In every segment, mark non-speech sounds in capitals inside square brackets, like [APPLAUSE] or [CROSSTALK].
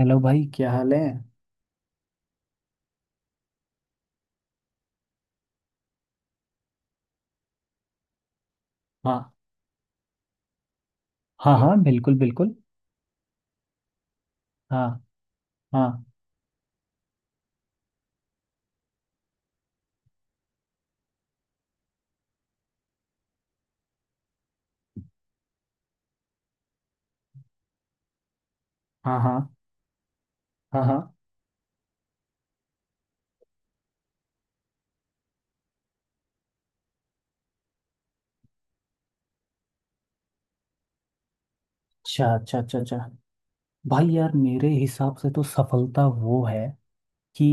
Hello भाई, क्या हाल है। हाँ, हाँ हाँ, बिल्कुल बिल्कुल। हाँ हाँ। हाँ हाँ। हाँ हाँ। अच्छा अच्छा, अच्छा अच्छा। भाई यार, मेरे हिसाब से तो सफलता वो है कि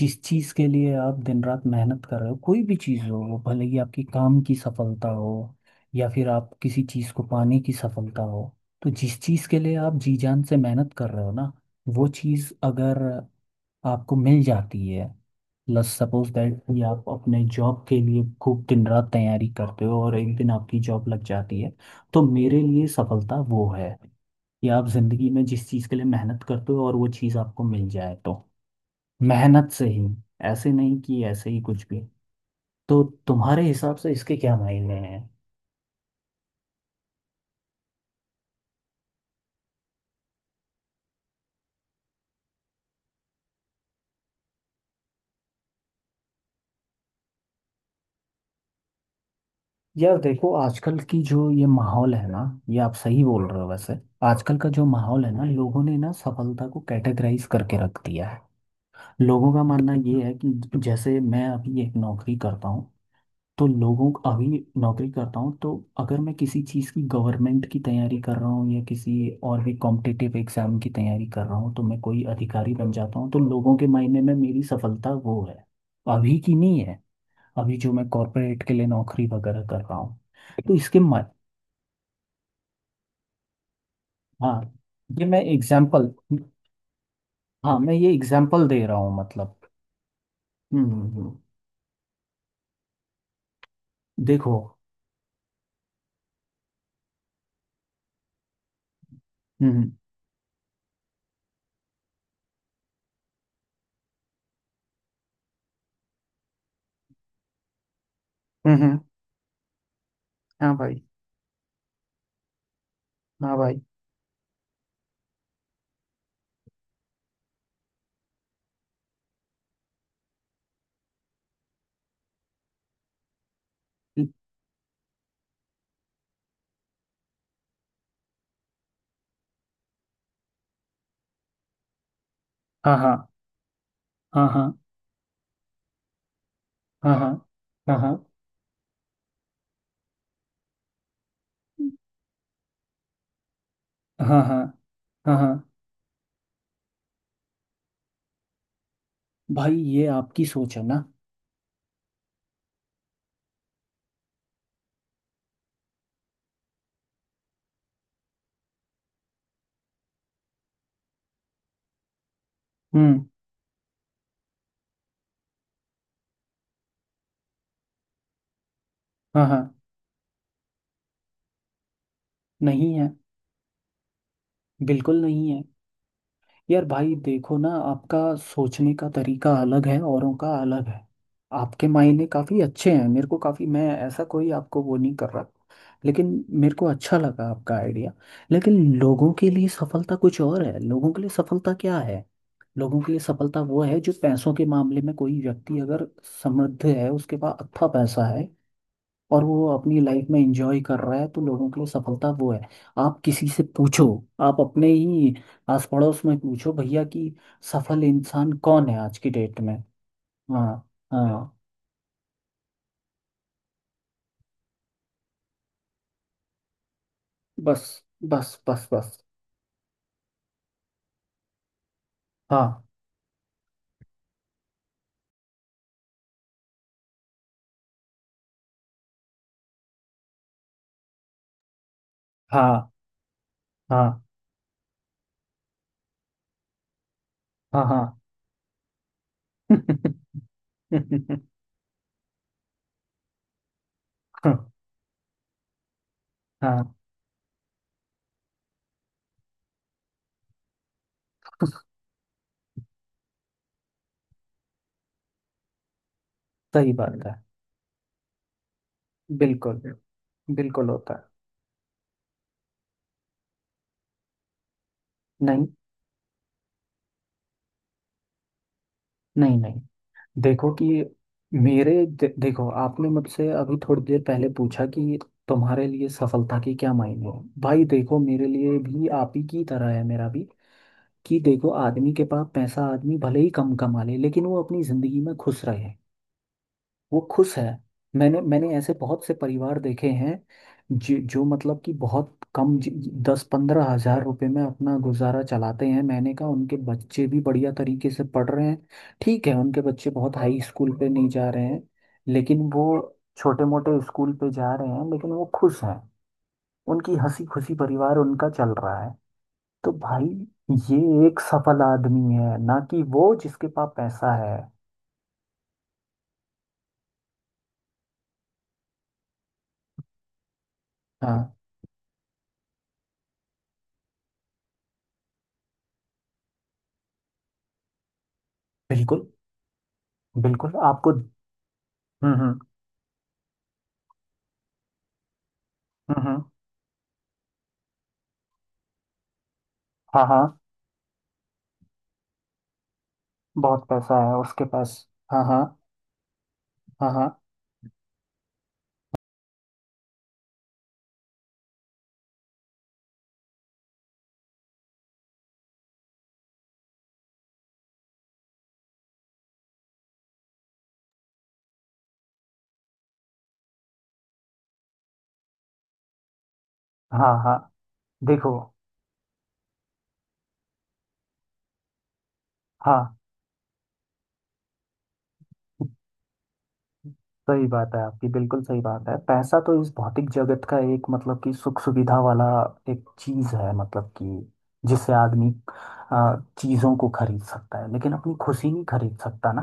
जिस चीज के लिए आप दिन रात मेहनत कर रहे हो, कोई भी चीज हो, वो भले ही आपकी काम की सफलता हो या फिर आप किसी चीज को पाने की सफलता हो। तो जिस चीज के लिए आप जी जान से मेहनत कर रहे हो ना, वो चीज अगर आपको मिल जाती है। लेट्स सपोज दैट कि आप अपने जॉब के लिए खूब दिन रात तैयारी करते हो और एक दिन आपकी जॉब लग जाती है। तो मेरे लिए सफलता वो है कि आप जिंदगी में जिस चीज के लिए मेहनत करते हो और वो चीज आपको मिल जाए, तो मेहनत से ही। ऐसे नहीं कि ऐसे ही कुछ भी। तो तुम्हारे हिसाब से इसके क्या मायने हैं। यार देखो, आजकल की जो ये माहौल है ना, ये आप सही बोल रहे हो वैसे। आजकल का जो माहौल है ना, लोगों ने ना सफलता को कैटेगराइज करके रख दिया है। लोगों का मानना ये है कि जैसे मैं अभी एक नौकरी करता हूँ, तो लोगों को अभी नौकरी करता हूँ तो अगर मैं किसी चीज़ की गवर्नमेंट की तैयारी कर रहा हूँ या किसी और भी कॉम्पिटिटिव एग्जाम की तैयारी कर रहा हूँ तो मैं कोई अधिकारी बन जाता हूँ, तो लोगों के मायने में मेरी सफलता वो है। अभी की नहीं है। अभी जो मैं कॉरपोरेट के लिए नौकरी वगैरह कर रहा हूँ, तो इसके मा... हाँ, ये मैं एग्जाम्पल। हाँ, मैं ये एग्जाम्पल दे रहा हूँ, मतलब। हम्म। देखो। हम्म हम्म, हम्म। हाँ भाई। हाँ भाई। हाँ हाँ हाँ हाँ। हाँ हाँ। हाँ हाँ। हाँ हाँ। हाँ हाँ। भाई, ये आपकी सोच है ना। हम्म। हाँ हाँ। नहीं है। बिल्कुल नहीं है। यार भाई, देखो ना, आपका सोचने का तरीका अलग है, औरों का अलग है। आपके मायने काफ़ी अच्छे हैं, मेरे को काफ़ी। मैं ऐसा कोई आपको वो नहीं कर रहा। लेकिन मेरे को अच्छा लगा आपका आइडिया। लेकिन लोगों के लिए सफलता कुछ और है। लोगों के लिए सफलता क्या है। लोगों के लिए सफलता वो है जो पैसों के मामले में कोई व्यक्ति अगर समृद्ध है, उसके पास अच्छा पैसा है और वो अपनी लाइफ में एंजॉय कर रहा है, तो लोगों के लिए सफलता वो है। आप किसी से पूछो। आप अपने ही आस पड़ोस में पूछो, भैया, कि सफल इंसान कौन है आज की डेट में। हाँ हाँ। बस बस बस बस हाँ हाँ। हाँ हाँ। हाँ [LAUGHS] हाँ हाँ। सही बात है। बिल्कुल। बिल्कुल होता है। नहीं नहीं नहीं। देखो कि देखो, आपने मुझसे अभी थोड़ी देर पहले पूछा कि तुम्हारे लिए सफलता के क्या मायने हैं। भाई देखो, मेरे लिए भी आप ही की तरह है। मेरा भी कि देखो, आदमी के पास पैसा, आदमी भले ही कम कमा ले लेकिन वो अपनी जिंदगी में खुश रहे। वो खुश है। मैंने मैंने ऐसे बहुत से परिवार देखे हैं जो जो मतलब कि बहुत कम 10-15 हजार रुपए में अपना गुजारा चलाते हैं। मैंने कहा, उनके बच्चे भी बढ़िया तरीके से पढ़ रहे हैं। ठीक है, उनके बच्चे बहुत हाई स्कूल पे नहीं जा रहे हैं, लेकिन वो छोटे मोटे स्कूल पे जा रहे हैं, लेकिन वो खुश हैं। उनकी हंसी खुशी परिवार उनका चल रहा है। तो भाई, ये एक सफल आदमी है ना, कि वो जिसके पास पैसा है। हाँ। बिल्कुल। बिल्कुल आपको। हम्म, हम्म। हाँ हाँ। बहुत पैसा है उसके पास। हाँ हाँ। हाँ हाँ। हाँ हाँ। देखो। हाँ। सही बात है आपकी। बिल्कुल सही बात है। पैसा तो इस भौतिक जगत का एक, मतलब कि, सुख सुविधा वाला एक चीज है। मतलब कि जिससे आदमी चीजों को खरीद सकता है, लेकिन अपनी खुशी नहीं खरीद सकता ना।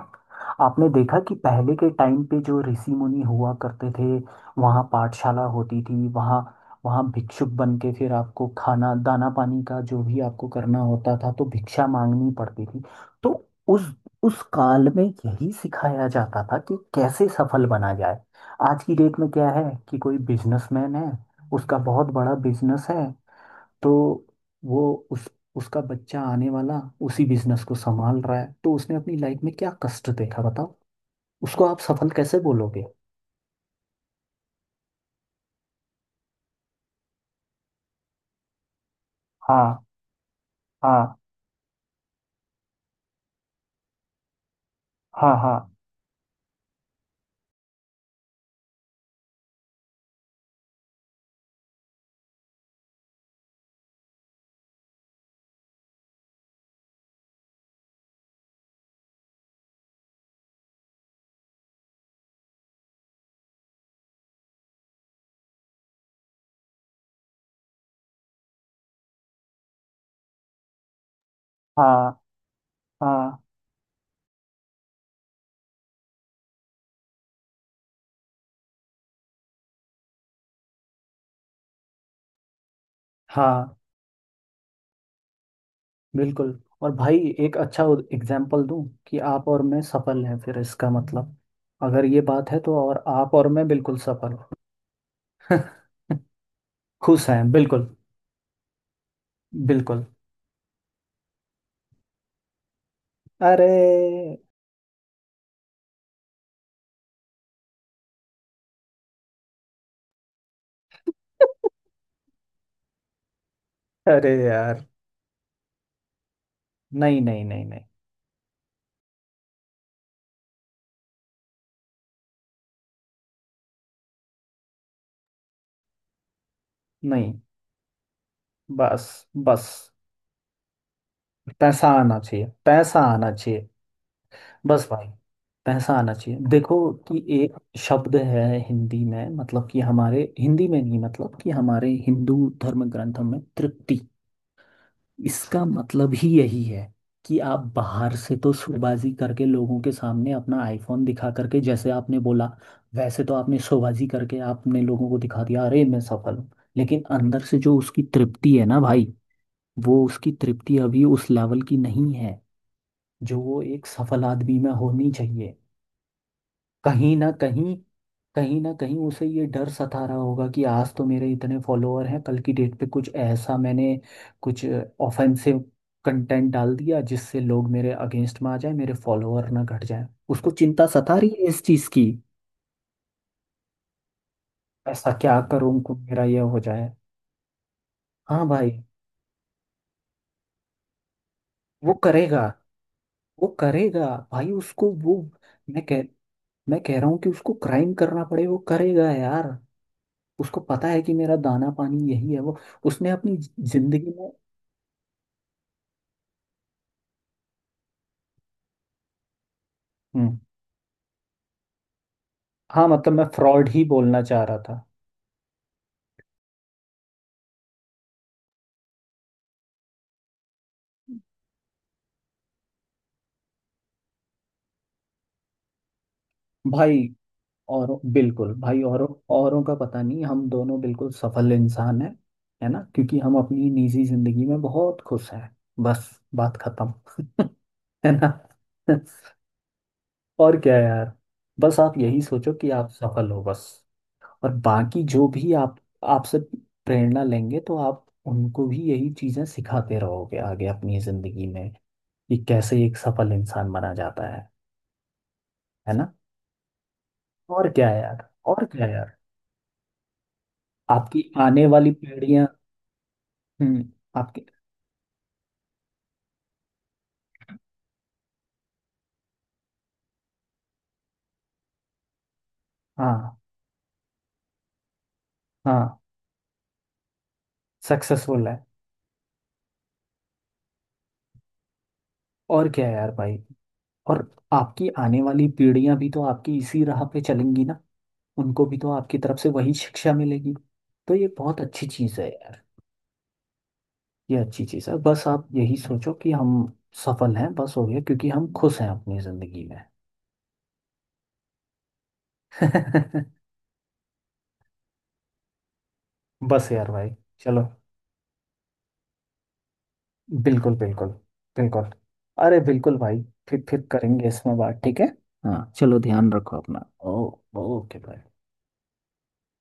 आपने देखा कि पहले के टाइम पे जो ऋषि मुनि हुआ करते थे, वहाँ पाठशाला होती थी। वहाँ वहाँ भिक्षुक बन के फिर आपको खाना दाना पानी का जो भी आपको करना होता था, तो भिक्षा मांगनी पड़ती थी। तो उस काल में यही सिखाया जाता था कि कैसे सफल बना जाए। आज की डेट में क्या है, कि कोई बिजनेसमैन है, उसका बहुत बड़ा बिजनेस है, तो वो उस उसका बच्चा आने वाला उसी बिजनेस को संभाल रहा है, तो उसने अपनी लाइफ में क्या कष्ट देखा, बताओ। उसको आप सफल कैसे बोलोगे। हाँ हाँ। हाँ हाँ। हाँ हाँ। हाँ, बिल्कुल। और भाई, एक अच्छा एग्जाम्पल दूं कि आप और मैं सफल हैं, फिर इसका मतलब, अगर ये बात है तो, और आप और मैं बिल्कुल सफल। [LAUGHS] खुश हैं बिल्कुल। बिल्कुल। अरे। अरे यार। नहीं नहीं। नहीं। बस बस। पैसा आना चाहिए, पैसा आना चाहिए। बस भाई, पैसा आना चाहिए। देखो कि एक शब्द है हिंदी में, मतलब कि हमारे हिंदी में नहीं, मतलब कि हमारे हिंदू धर्म ग्रंथों में, तृप्ति। इसका मतलब ही यही है कि आप बाहर से तो शोबाजी करके लोगों के सामने अपना आईफोन दिखा करके, जैसे आपने बोला, वैसे तो आपने शोबाजी करके आपने लोगों को दिखा दिया, अरे मैं सफल हूँ। लेकिन अंदर से जो उसकी तृप्ति है ना भाई, वो उसकी तृप्ति अभी उस लेवल की नहीं है जो वो एक सफल आदमी में होनी चाहिए। कहीं ना कहीं, कहीं ना कहीं उसे ये डर सता रहा होगा कि आज तो मेरे इतने फॉलोअर हैं, कल की डेट पे कुछ ऐसा मैंने कुछ ऑफेंसिव कंटेंट डाल दिया, जिससे लोग मेरे अगेंस्ट में आ जाए, मेरे फॉलोअर ना घट जाए। उसको चिंता सता रही है इस चीज की। ऐसा क्या करूं को मेरा ये हो जाए। हाँ भाई। वो करेगा, वो करेगा भाई। उसको वो मैं कह मैं कह रहा हूँ कि उसको क्राइम करना पड़े वो करेगा यार। उसको पता है कि मेरा दाना पानी यही है। वो उसने अपनी जिंदगी में। हम्म। हाँ, मतलब मैं फ्रॉड ही बोलना चाह रहा था। भाई और बिल्कुल भाई, और औरों का पता नहीं, हम दोनों बिल्कुल सफल इंसान हैं, है ना, क्योंकि हम अपनी निजी जिंदगी में बहुत खुश हैं। बस, बात खत्म। है ना। [LAUGHS] और क्या यार, बस आप यही सोचो कि आप सफल हो, बस। और बाकी जो भी आप, आपसे प्रेरणा लेंगे तो आप उनको भी यही चीजें सिखाते रहोगे आगे अपनी जिंदगी में, कि कैसे एक सफल इंसान बना जाता है। है ना। और क्या है यार, और क्या है यार। आपकी आने वाली पीढ़ियां। हम्म। आपकी। हाँ हाँ। सक्सेसफुल है। और क्या है यार भाई, और आपकी आने वाली पीढ़ियां भी तो आपकी इसी राह पे चलेंगी ना। उनको भी तो आपकी तरफ से वही शिक्षा मिलेगी। तो ये बहुत अच्छी चीज़ है यार। ये अच्छी चीज़ है। बस आप यही सोचो कि हम सफल हैं, बस हो गया, क्योंकि हम खुश हैं अपनी ज़िंदगी में। [LAUGHS] बस यार भाई, चलो। बिल्कुल बिल्कुल। बिल्कुल। अरे बिल्कुल भाई। फिर करेंगे इसमें बात, ठीक है। हाँ चलो, ध्यान रखो अपना। ओ। ओके भाई।